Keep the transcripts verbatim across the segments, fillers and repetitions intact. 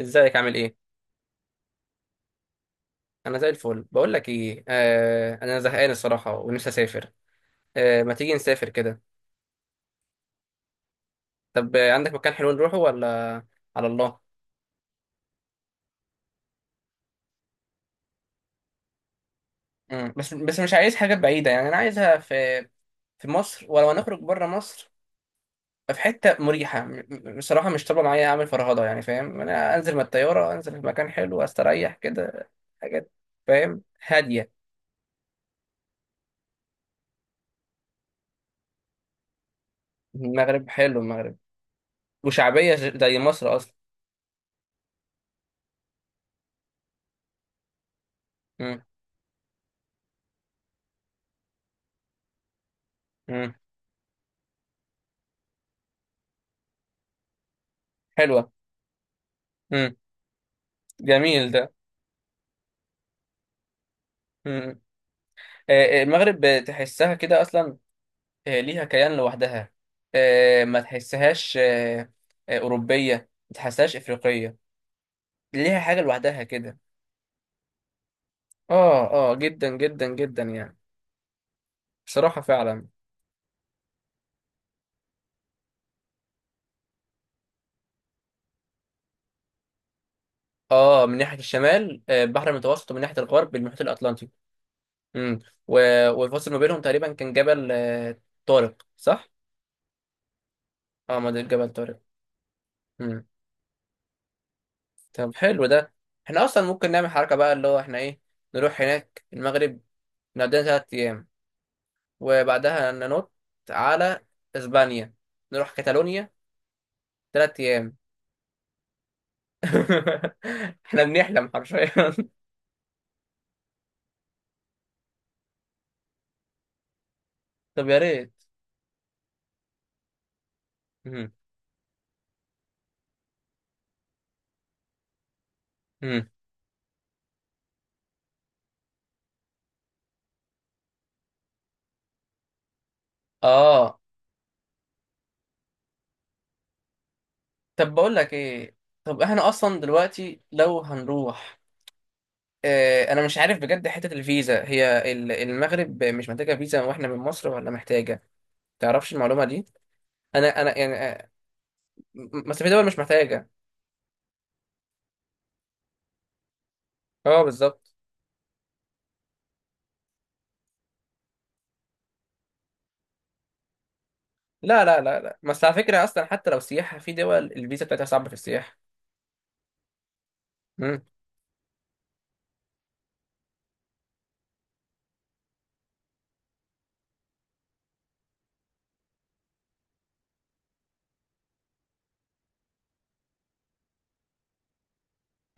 ازيك؟ عامل ايه؟ انا زي الفل. بقول لك ايه، آه انا زهقان الصراحه ونفسي اسافر. آه ما تيجي نسافر كده؟ طب، آه، عندك مكان حلو نروحه ولا؟ على الله. مم. بس بس مش عايز حاجه بعيده يعني انا عايزها في في مصر، ولو هنخرج بره مصر في حته مريحه، م- م- بصراحه مش طالبه معايا اعمل فرهضه يعني، فاهم؟ انا انزل من الطياره انزل في مكان حلو استريح كده. حاجات. فاهم هاديه. المغرب حلو المغرب، وشعبيه زي مصر اصلا. مم. مم. حلوه. مم. جميل. ده آه، آه، المغرب تحسها كده اصلا. آه، ليها كيان لوحدها. آه، ما تحسهاش آه، آه، اوروبيه، ما تحسهاش افريقيه. ليها حاجه لوحدها كده. اه، اه، جدا جدا جدا يعني. بصراحه فعلا. اه، من ناحيه الشمال آه، البحر المتوسط، ومن ناحيه الغرب المحيط الاطلنطي. امم. و- والفاصل ما بينهم تقريبا كان جبل آه، طارق، صح؟ اه، ما ده جبل طارق. امم. طب حلو ده. احنا اصلا ممكن نعمل حركه بقى، اللي هو احنا ايه، نروح هناك المغرب، نقضينا ثلاث ايام، وبعدها ننط على اسبانيا، نروح كاتالونيا ثلاث ايام. احنا بنحلم حرفيا. طب يا ريت. مم. مم. اه. طب بقول لك ايه، طب احنا اصلا دلوقتي لو هنروح، اه انا مش عارف بجد حتة الفيزا، هي ال- المغرب مش محتاجة فيزا واحنا من مصر ولا محتاجة؟ تعرفش المعلومة دي؟ انا انا يعني، آه، م- بس في دول مش محتاجة. اه بالظبط. لا لا لا لا، بس على فكرة اصلا حتى لو سياحة في دول الفيزا بتاعتها صعبة في السياحة. مم.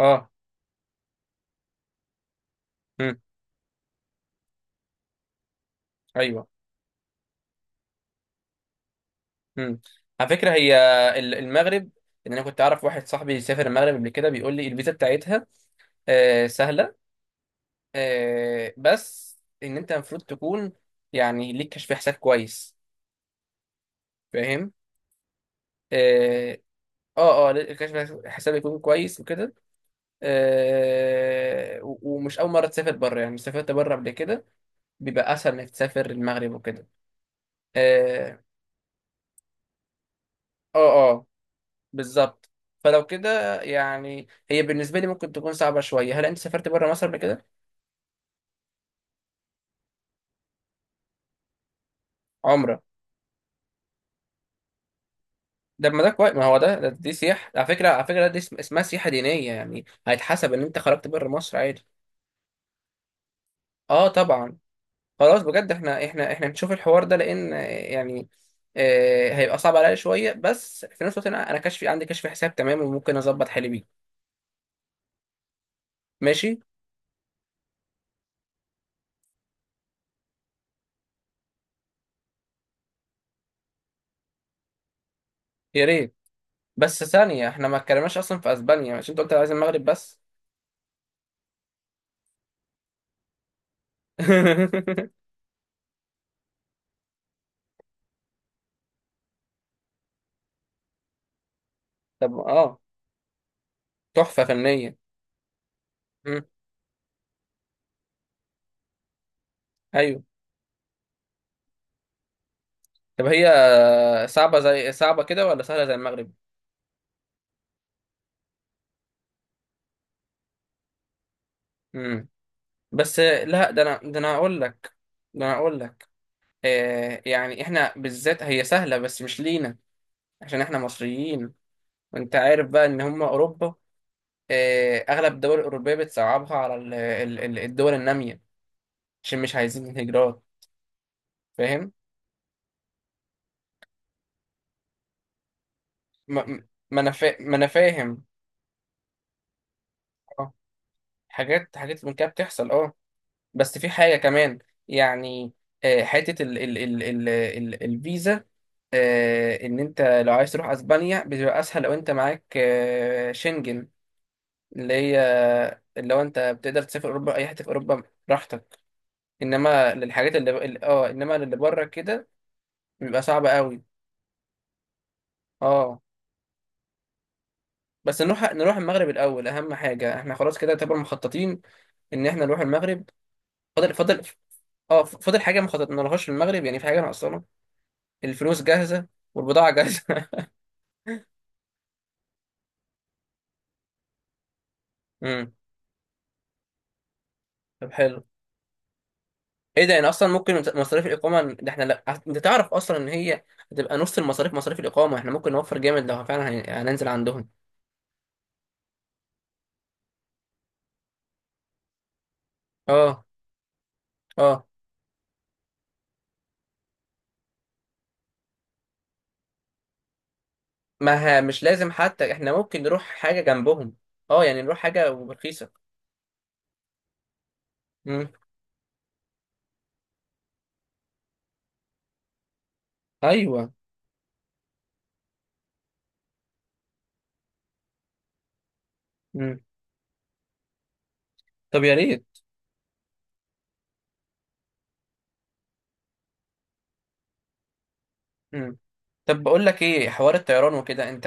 اه. مم. ايوه. مم. على فكره هي ال- المغرب، ان انا كنت اعرف واحد صاحبي سافر المغرب قبل كده بيقول لي الفيزا بتاعتها آه سهله، آه بس ان انت المفروض تكون يعني ليك كشف حساب كويس، فاهم؟ اه اه. آه، ليك كشف حساب يكون كويس وكده. آه و- ومش اول مره تسافر بره يعني، سافرت بره قبل كده، بيبقى اسهل انك تسافر المغرب وكده. اه اه. آه. بالظبط. فلو كده يعني هي بالنسبه لي ممكن تكون صعبه شويه. هل انت سافرت بره مصر قبل كده؟ عمره؟ ده ما ده كويس، ما هو ده ده- دي سياحه. على فكره، على فكره دي اسم- اسمها سياحه دينيه، يعني هيتحسب ان انت خرجت بره مصر عادي. اه طبعا. خلاص بجد، احنا احنا احنا نشوف الحوار ده، لان آه، يعني آه هيبقى صعب عليا شويه، بس في نفس الوقت انا انا كشفي، عندي كشف حساب تمام وممكن اظبط حالي بيه. ماشي. يا ريت. بس ثانيه، احنا ما اتكلمناش اصلا في اسبانيا، عشان انت قلت عايز المغرب بس. طب اه، تحفة فنية. مم. أيوه. طب هي صعبة، زي صعبة كده ولا سهلة زي المغرب؟ مم. بس لا، ده أنا ده أنا هقول لك. ده أنا هقول لك، آه يعني إحنا بالذات هي سهلة بس مش لينا، عشان إحنا مصريين. وأنت عارف بقى إن هم أوروبا، آه أغلب الدول الأوروبية بتصعبها على ال- ال- ال- الدول النامية، عشان مش عايزين الهجرات، فاهم؟ ما ما أنا فا... ما أنا فاهم. آه، حاجات حاجات من كده بتحصل أه. بس في حاجة كمان يعني، آه، حتة ال ال ال ال ال الفيزا، آه، ان انت لو عايز تروح اسبانيا بتبقى اسهل لو انت معاك آه، شنجن، اللي هي، اللي هو انت بتقدر تسافر اوروبا اي حته في اوروبا براحتك. انما للحاجات اللي اللي- اه، انما اللي بره كده بيبقى صعب قوي. اه. بس نروح، نروح المغرب الاول، اهم حاجه احنا خلاص كده طبعا مخططين ان احنا نروح المغرب. فاضل فاضل، اه فاضل حاجه ما خططنالهاش في المغرب يعني، في حاجه ناقصانا؟ الفلوس جاهزه، والبضاعه جاهزه. امم. طب حلو. ايه ده؟ يعني اصلا ممكن مصاريف الاقامه ده احنا، لا انت تعرف اصلا ان هي هتبقى نص المصاريف، مصاريف الاقامه احنا ممكن نوفر جامد لو فعلا هن- هننزل عندهم. اه اه. ما ها، مش لازم حتى، احنا ممكن نروح حاجه جنبهم. اه يعني نروح حاجه رخيصه. امم. ايوه. امم. طب يا ريت. امم. طب بقول لك ايه، حوار الطيران وكده انت،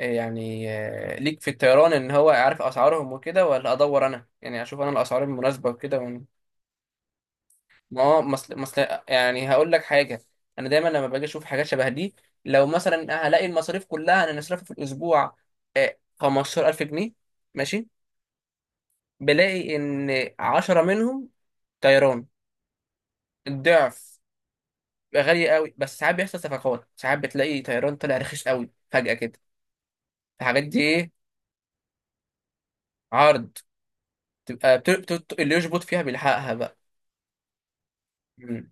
آه، يعني آه، ليك في الطيران، ان هو عارف اسعارهم وكده، ولا ادور انا يعني، اشوف انا الاسعار المناسبه وكده؟ ما هو مثل مثل يعني، هقول لك حاجه، انا دايما لما باجي اشوف حاجات شبه دي، لو مثلا هلاقي المصاريف كلها انا نصرفها في الاسبوع آه، خمسة عشر ألف جنيه، ماشي. بلاقي ان عشرة منهم طيران، الضعف، غالي قوي. بس ساعات بيحصل صفقات، ساعات بتلاقي طيران طلع رخيص قوي فجأة كده. الحاجات دي ايه، عرض، تبقى بت- بت- اللي يشبط فيها بيلحقها بقى.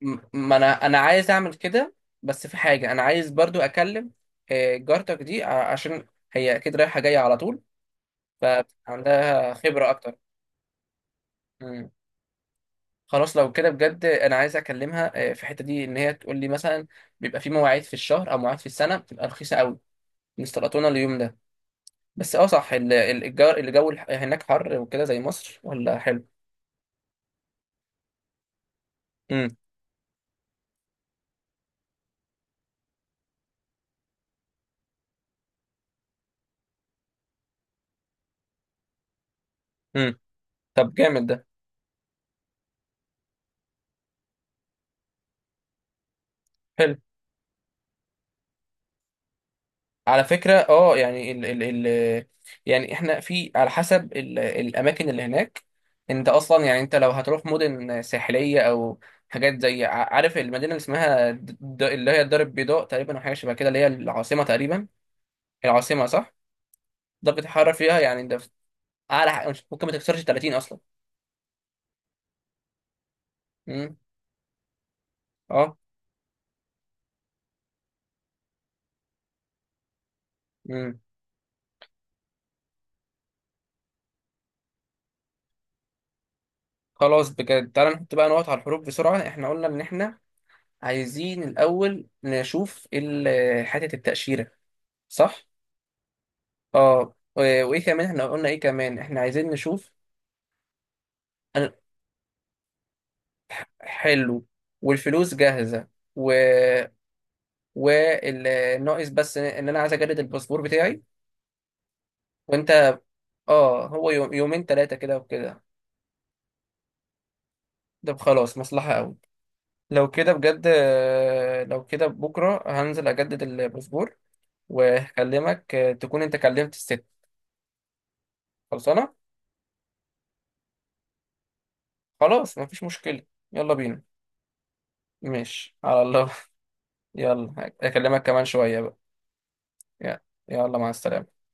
م- ما انا انا عايز اعمل كده. بس في حاجه انا عايز برضو اكلم آه، جارتك دي، ع- عشان هي اكيد رايحه جايه على طول فعندها خبره اكتر. مم. خلاص لو كده بجد انا عايز اكلمها آه، في الحته دي، ان هي تقول لي مثلا بيبقى في مواعيد في الشهر او مواعيد في السنه بتبقى رخيصه قوي، نستلطونا اليوم ده. بس اه، صح، ال- ال- الجار، الجو الح- هناك حر وكده زي مصر ولا حلو؟ امم. امم. طب جامد ده، حلو. على فكرة اه يعني، ال ال ال يعني احنا في على حسب ال الأماكن اللي هناك، انت أصلا يعني، انت لو هتروح مدن ساحلية أو حاجات زي، ع- عارف المدينة اللي اسمها د- د- اللي هي الدار البيضاء تقريبا، أو حاجة شبه كده اللي هي العاصمة تقريبا. العاصمة صح؟ ده بتتحرك فيها يعني، ده في- أعلى ح- مش- ممكن ما تكسرش تلاتين أصلا. امم. اه. امم. خلاص بجد، تعالى نحط بقى نقط على الحروف بسرعة. احنا قلنا إن احنا عايزين الأول نشوف ال- حتة التأشيرة، صح؟ اه، و- وايه كمان؟ احنا قلنا ايه كمان احنا عايزين نشوف؟ أنا- حلو. والفلوس جاهزة. و، والناقص بس ان انا عايز اجدد الباسبور بتاعي، وانت، اه هو يوم... يومين ثلاثة كده وكده. ده خلاص مصلحة قوي. لو كده بجد آه، لو كده بكرة هنزل اجدد الباسبور، وهكلمك آه، تكون انت كلمت الست. خلصانة. خلاص مفيش مشكلة. يلا بينا. ماشي على الله. يلا، هك- هكلمك كمان شوية بقى. يلا. يلا، مع السلامة.